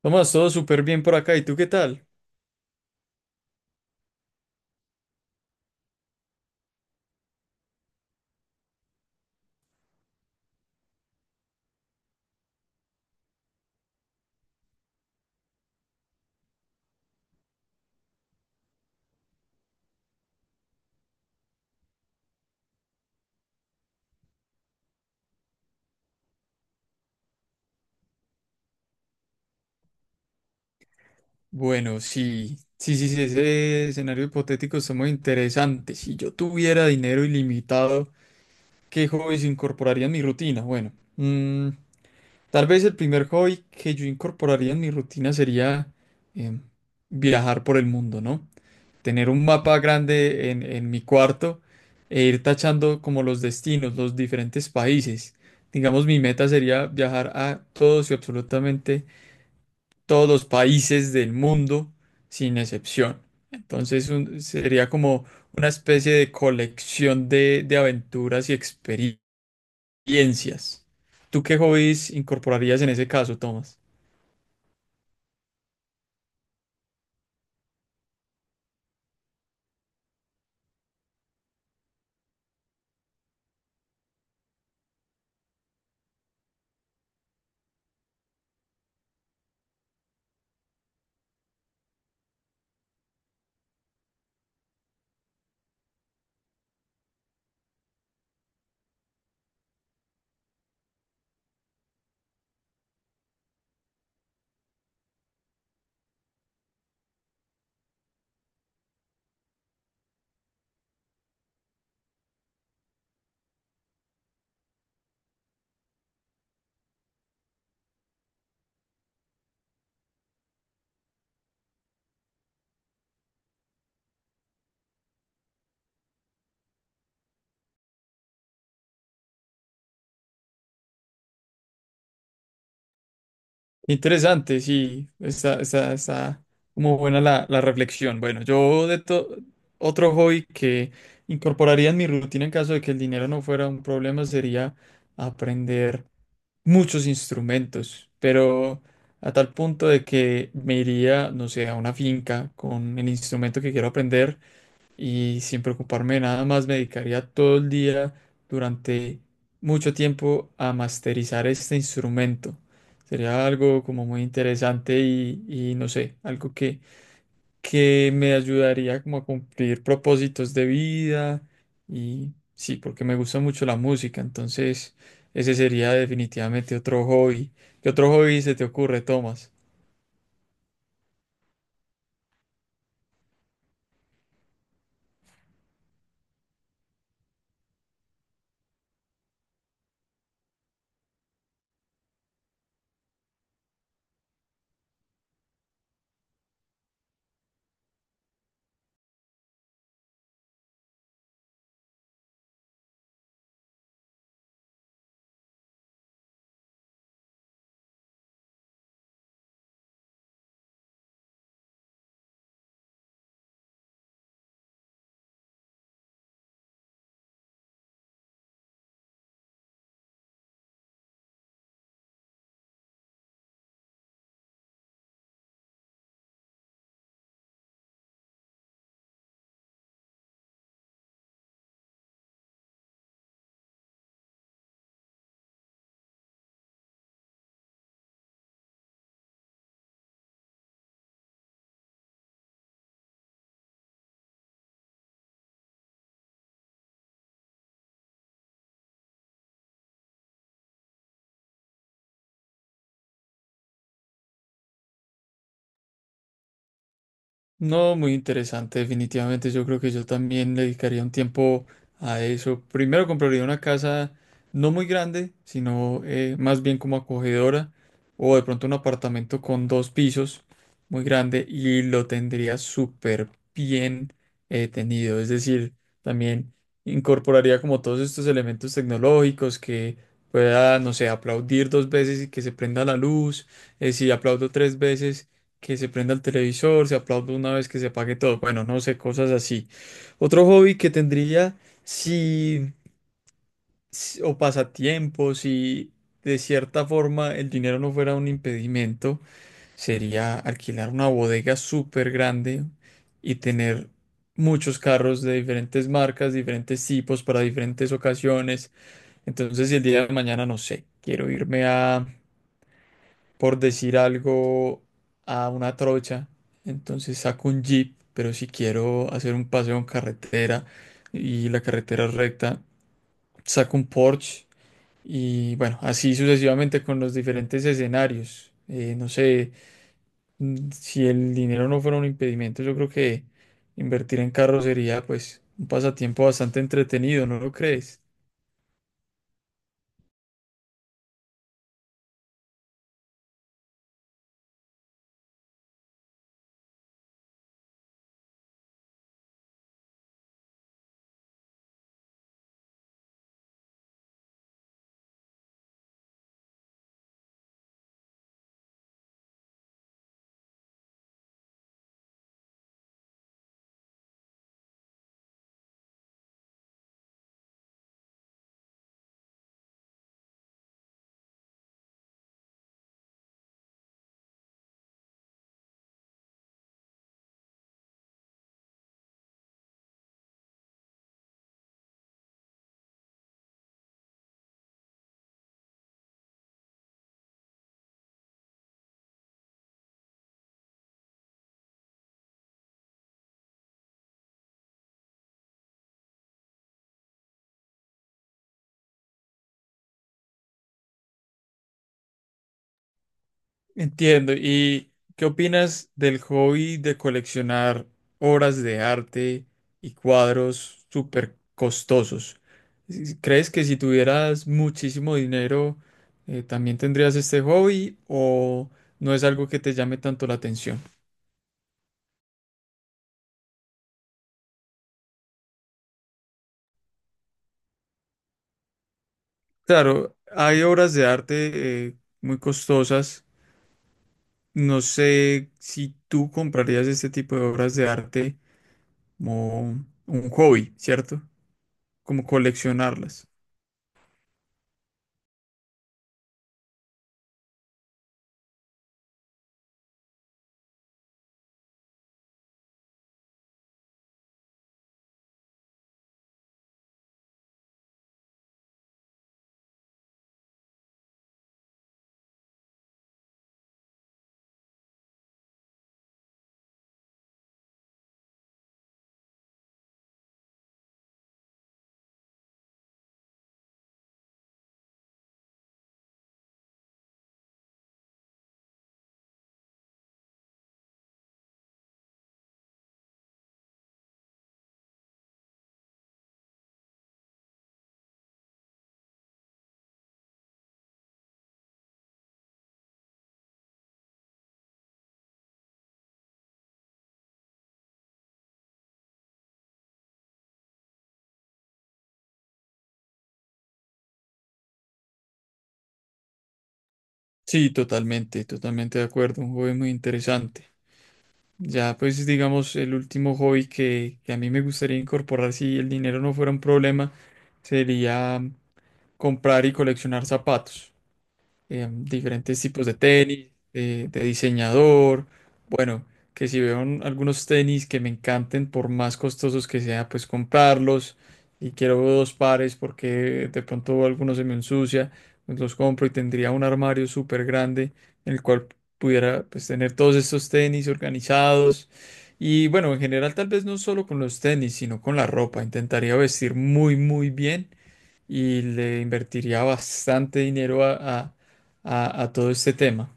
Tomás, todo súper bien por acá. ¿Y tú qué tal? Bueno, sí, sí, sí, sí, ese escenario hipotético está muy interesante. Si yo tuviera dinero ilimitado, ¿qué hobbies incorporaría en mi rutina? Bueno, tal vez el primer hobby que yo incorporaría en mi rutina sería em, viajar por el mundo, ¿no? Tener un mapa grande en mi cuarto e ir tachando como los destinos, los diferentes países. Digamos, mi meta sería viajar a todos y absolutamente todos los países del mundo sin excepción. Entonces sería como una especie de colección de aventuras y experiencias. ¿Tú qué hobbies incorporarías en ese caso, Tomás? Interesante, sí, está como buena la reflexión. Bueno, otro hobby que incorporaría en mi rutina en caso de que el dinero no fuera un problema sería aprender muchos instrumentos, pero a tal punto de que me iría, no sé, a una finca con el instrumento que quiero aprender y sin preocuparme de nada más me dedicaría todo el día durante mucho tiempo a masterizar este instrumento. Sería algo como muy interesante y no sé, algo que me ayudaría como a cumplir propósitos de vida y sí, porque me gusta mucho la música, entonces ese sería definitivamente otro hobby. ¿Qué otro hobby se te ocurre, Tomás? No, muy interesante, definitivamente. Yo creo que yo también le dedicaría un tiempo a eso. Primero compraría una casa no muy grande, sino más bien como acogedora, o de pronto un apartamento con dos pisos muy grande y lo tendría súper bien tenido. Es decir, también incorporaría como todos estos elementos tecnológicos que pueda, no sé, aplaudir dos veces y que se prenda la luz. Si aplaudo tres veces que se prenda el televisor, se aplaude una vez que se apague todo. Bueno, no sé, cosas así. Otro hobby que tendría si, o pasatiempo, si de cierta forma el dinero no fuera un impedimento, sería alquilar una bodega súper grande y tener muchos carros de diferentes marcas, diferentes tipos, para diferentes ocasiones. Entonces, si el día de mañana, no sé, quiero irme a, por decir algo, a una trocha. Entonces saco un jeep, pero si quiero hacer un paseo en carretera y la carretera es recta, saco un Porsche y bueno, así sucesivamente con los diferentes escenarios. No sé, si el dinero no fuera un impedimento, yo creo que invertir en carro sería pues un pasatiempo bastante entretenido, ¿no lo crees? Entiendo. ¿Y qué opinas del hobby de coleccionar obras de arte y cuadros súper costosos? ¿Crees que si tuvieras muchísimo dinero, también tendrías este hobby o no es algo que te llame tanto la atención? Claro, hay obras de arte, muy costosas. No sé si tú comprarías este tipo de obras de arte como un hobby, ¿cierto? Como coleccionarlas. Sí, totalmente, totalmente de acuerdo, un hobby muy interesante. Ya, pues digamos, el último hobby que a mí me gustaría incorporar si el dinero no fuera un problema sería comprar y coleccionar zapatos, diferentes tipos de tenis, de diseñador. Bueno, que si veo algunos tenis que me encanten, por más costosos que sea, pues comprarlos. Y quiero dos pares porque de pronto alguno se me ensucia, pues los compro y tendría un armario súper grande en el cual pudiera pues tener todos estos tenis organizados. Y bueno, en general tal vez no solo con los tenis, sino con la ropa. Intentaría vestir muy, muy bien y le invertiría bastante dinero a todo este tema.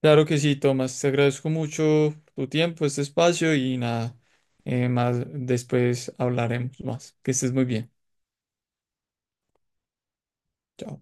Claro que sí, Tomás, te agradezco mucho tu tiempo, este espacio y nada, más después hablaremos más. Que estés muy bien. Chao.